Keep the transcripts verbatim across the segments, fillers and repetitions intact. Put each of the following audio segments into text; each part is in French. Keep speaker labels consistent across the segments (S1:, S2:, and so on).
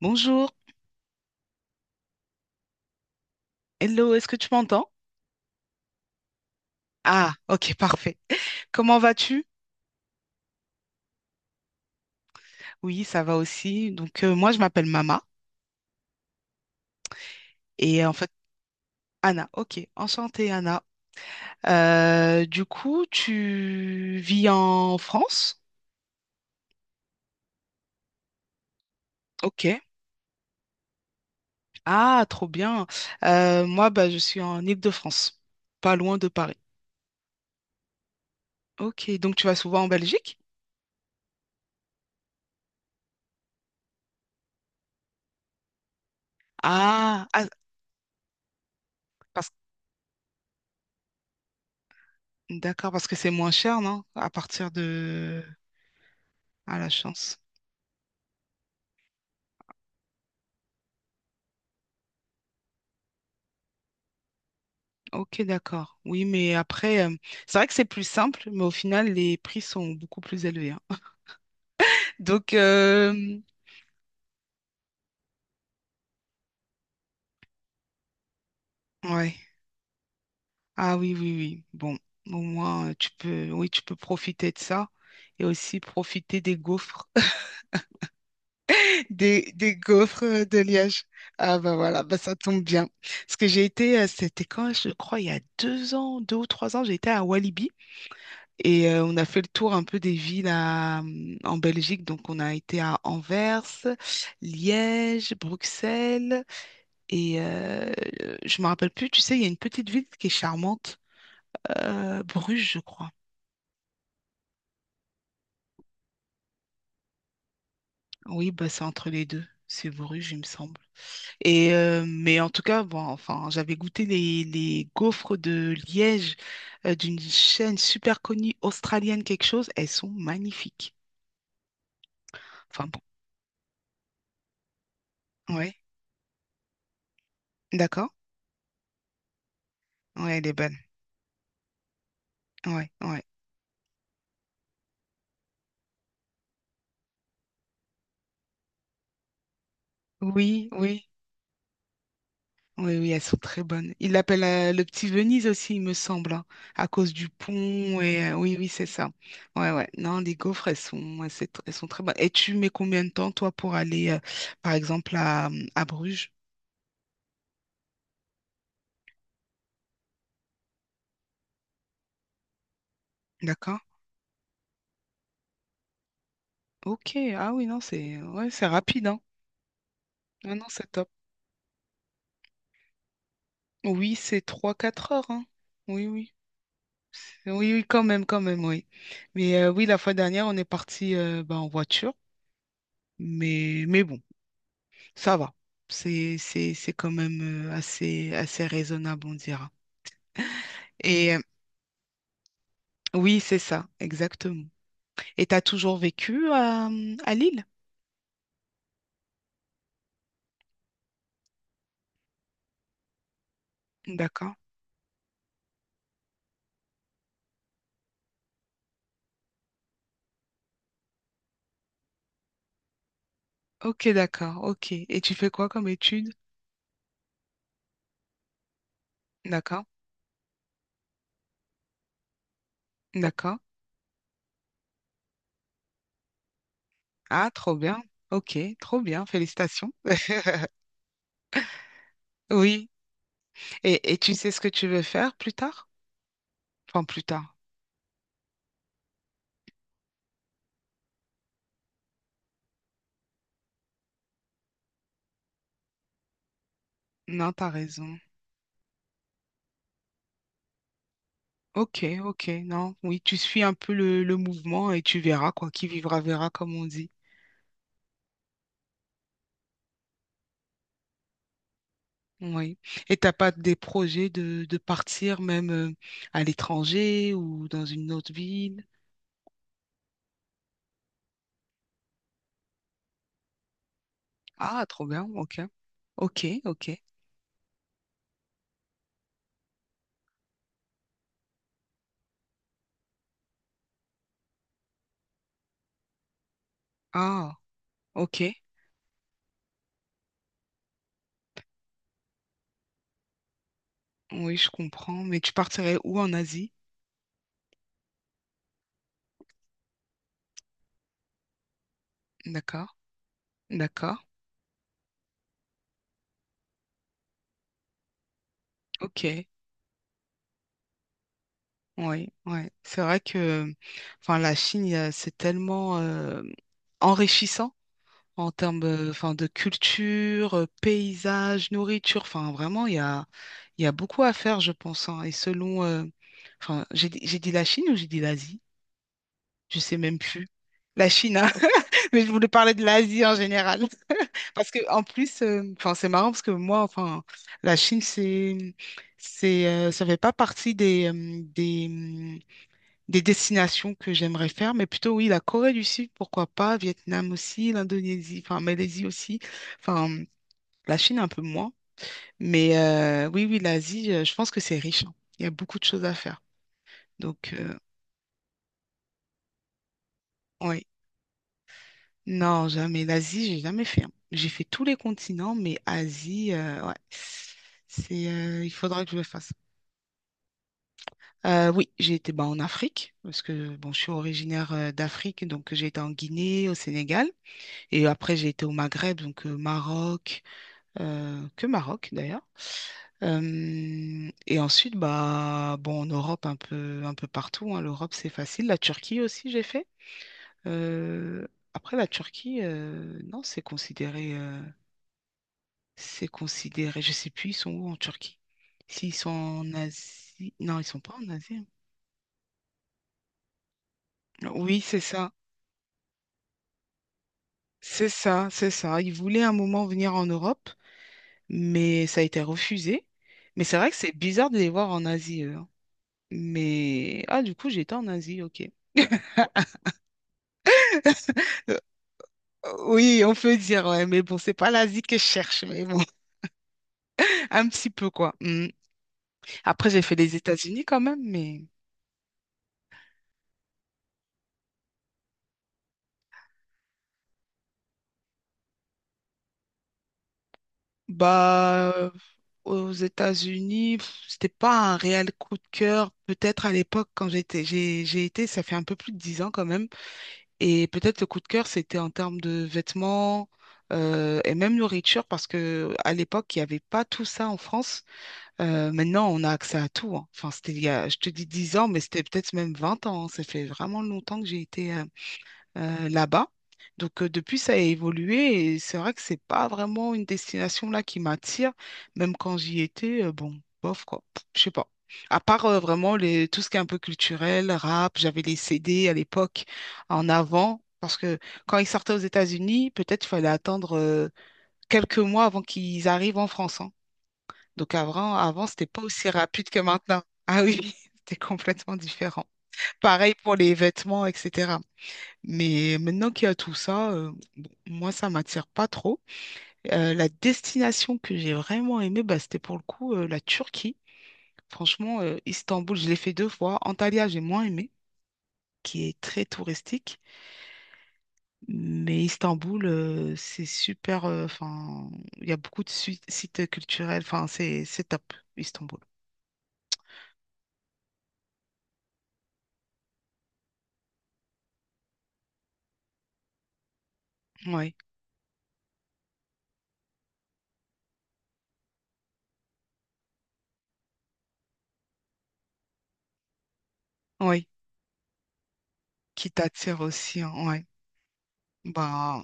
S1: Bonjour, hello, est-ce que tu m'entends? Ah, ok, parfait. Comment vas-tu? Oui, ça va aussi. Donc, euh, moi, je m'appelle Mama et en fait, Anna. Ok, enchantée, Anna. Euh, du coup, tu vis en France? Ok. Ah, trop bien. Euh, moi, bah, je suis en Île-de-France, pas loin de Paris. Ok, donc tu vas souvent en Belgique? Ah, ah, parce... d'accord, parce que c'est moins cher, non? À partir de... Ah, la chance. Ok, d'accord. Oui, mais après, euh, c'est vrai que c'est plus simple, mais au final, les prix sont beaucoup plus élevés, hein. Donc, euh, ouais. Ah oui, oui, oui. Bon, au moins, euh, tu peux, oui, tu peux profiter de ça et aussi profiter des gaufres, des, des gaufres euh, de Liège. Ah bah voilà, bah ça tombe bien. Parce que j'ai été, euh, c'était quand, je crois, il y a deux ans, deux ou trois ans, j'ai été à Walibi. Et euh, on a fait le tour un peu des villes à, hum, en Belgique. Donc, on a été à Anvers, Liège, Bruxelles. Et euh, je me rappelle plus, tu sais, il y a une petite ville qui est charmante, euh, Bruges, je crois. Oui, bah, c'est entre les deux. C'est Bruges, il me semble. Et, euh, mais en tout cas, bon, enfin, j'avais goûté les, les gaufres de Liège euh, d'une chaîne super connue australienne, quelque chose. Elles sont magnifiques. Enfin bon, ouais, d'accord. Ouais, elle est bonne. Ouais, ouais. Oui, oui, oui, oui, elles sont très bonnes. Ils l'appellent euh, le petit Venise aussi, il me semble, hein, à cause du pont. Et, euh, oui, oui, c'est ça. Ouais, ouais. Non, les gaufres, elles sont, ouais, c'est tr- elles sont très bonnes. Et tu mets combien de temps, toi, pour aller, euh, par exemple, à, hum, à Bruges? D'accord? Ok. Ah oui, non, c'est ouais, c'est rapide, hein. Non, non, c'est top. Oui, c'est trois quatre heures, hein. Oui, oui. Oui, oui, quand même, quand même, oui. Mais euh, oui, la fois dernière, on est parti euh, ben, en voiture. Mais, mais bon. Ça va. C'est, c'est, c'est quand même euh, assez, assez raisonnable, on dira. Et euh, oui, c'est ça, exactement. Et t'as toujours vécu à, hum, à Lille? D'accord. Ok, d'accord, ok. Et tu fais quoi comme étude? D'accord, d'accord. Ah, trop bien. Ok, trop bien, félicitations. Oui. Et, et tu sais ce que tu veux faire plus tard? Enfin, plus tard. Non, t'as raison. Ok, ok, non, oui, tu suis un peu le, le mouvement et tu verras, quoi. Qui vivra, verra, comme on dit. Oui. Et t'as pas des projets de, de partir même euh, à l'étranger ou dans une autre ville? Ah, trop bien. Ok. Ok, ok. Ah, ok. Oui, je comprends. Mais tu partirais où en Asie? D'accord. D'accord. Ok. Oui, oui. C'est vrai que enfin, la Chine, il y a- c'est tellement euh, enrichissant en termes euh, enfin, de culture, euh, paysage, nourriture. Enfin, vraiment, il y a, il y a beaucoup à faire, je pense, hein. Et selon... euh, enfin, j'ai dit j'ai dit la Chine ou j'ai dit l'Asie? Je sais même plus. La Chine, hein. Mais je voulais parler de l'Asie en général. Parce que en plus, euh, enfin, c'est marrant parce que moi, enfin, la Chine, c'est, c'est, euh, ça fait pas partie des, euh, des, des destinations que j'aimerais faire, mais plutôt oui, la Corée du Sud, pourquoi pas, Vietnam aussi, l'Indonésie, enfin Malaisie aussi, enfin la Chine un peu moins, mais euh, oui, oui, l'Asie, euh, je pense que c'est riche, hein. Il y a beaucoup de choses à faire. Donc, oui, non, jamais. L'Asie, j'ai jamais fait, hein. J'ai fait tous les continents, mais Asie, euh, ouais, c'est, euh, il faudra que je le fasse. Euh, oui, j'ai été bah, en Afrique, parce que bon, je suis originaire euh, d'Afrique, donc j'ai été en Guinée, au Sénégal. Et après, j'ai été au Maghreb, donc euh, Maroc, euh, que Maroc d'ailleurs. Euh, et ensuite, bah, bon, en Europe, un peu, un peu partout, hein. L'Europe, c'est facile. La Turquie aussi, j'ai fait. Euh, Après, la Turquie, euh, non, c'est considéré, euh, c'est considéré. Je sais plus, ils sont où en Turquie? S'ils sont en Asie, non, ils sont pas en Asie, hein. Oui, c'est ça, c'est ça, c'est ça. Ils voulaient un moment venir en Europe, mais ça a été refusé. Mais c'est vrai que c'est bizarre de les voir en Asie, eux, hein. Mais ah, du coup, j'étais en Asie, ok. Euh, oui, on peut dire, ouais, mais bon, c'est pas l'Asie que je cherche, mais bon, un petit peu quoi. Mm. Après, j'ai fait les États-Unis quand même, mais bah euh, aux États-Unis, pff, c'était pas un réel coup de cœur. Peut-être à l'époque quand j'étais, j'ai, j'ai été, ça fait un peu plus de dix ans quand même. Et peut-être le coup de cœur, c'était en termes de vêtements euh, et même nourriture, parce que à l'époque, il n'y avait pas tout ça en France. Euh, maintenant, on a accès à tout, hein. Enfin, c'était il y a, je te dis dix ans, mais c'était peut-être même vingt ans, hein. Ça fait vraiment longtemps que j'ai été euh, euh, là-bas. Donc euh, depuis, ça a évolué et c'est vrai que c'est pas vraiment une destination là qui m'attire. Même quand j'y étais, euh, bon, bof quoi, pff, je sais pas. À part euh, vraiment les, tout ce qui est un peu culturel, rap, j'avais les C D à l'époque en avant. Parce que quand ils sortaient aux États-Unis, peut-être il fallait attendre euh, quelques mois avant qu'ils arrivent en France, hein. Donc avant, avant, c'était pas aussi rapide que maintenant. Ah oui, c'était complètement différent. Pareil pour les vêtements, et cetera. Mais maintenant qu'il y a tout ça, euh, bon, moi, ça m'attire pas trop. Euh, la destination que j'ai vraiment aimée, bah, c'était pour le coup euh, la Turquie. Franchement, euh, Istanbul, je l'ai fait deux fois. Antalya, j'ai moins aimé, qui est très touristique. Mais Istanbul, euh, c'est super. euh, Enfin, il y a beaucoup de su- sites culturels. Enfin, c'est c'est top, Istanbul. Oui, oui. Qui t'attire aussi, hein, ouais. Bah,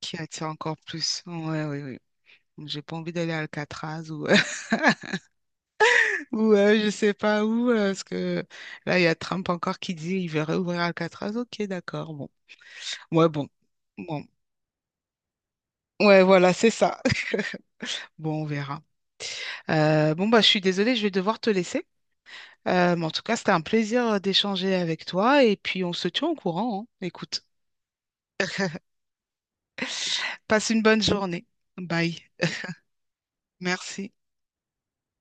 S1: qui attire encore plus. Ouais, oui, oui. J'ai pas envie d'aller à Alcatraz ou. Ouais, je sais pas où, euh, parce que là, il y a Trump encore qui dit il veut réouvrir Alcatraz. Ok, d'accord, bon. Ouais, bon. Bon. Ouais, voilà, c'est ça. Bon, on verra. Euh, bon, bah, je suis désolée, je vais devoir te laisser. Euh, mais en tout cas, c'était un plaisir euh, d'échanger avec toi et puis on se tient au courant, hein. Écoute, passe une bonne journée. Bye. Merci.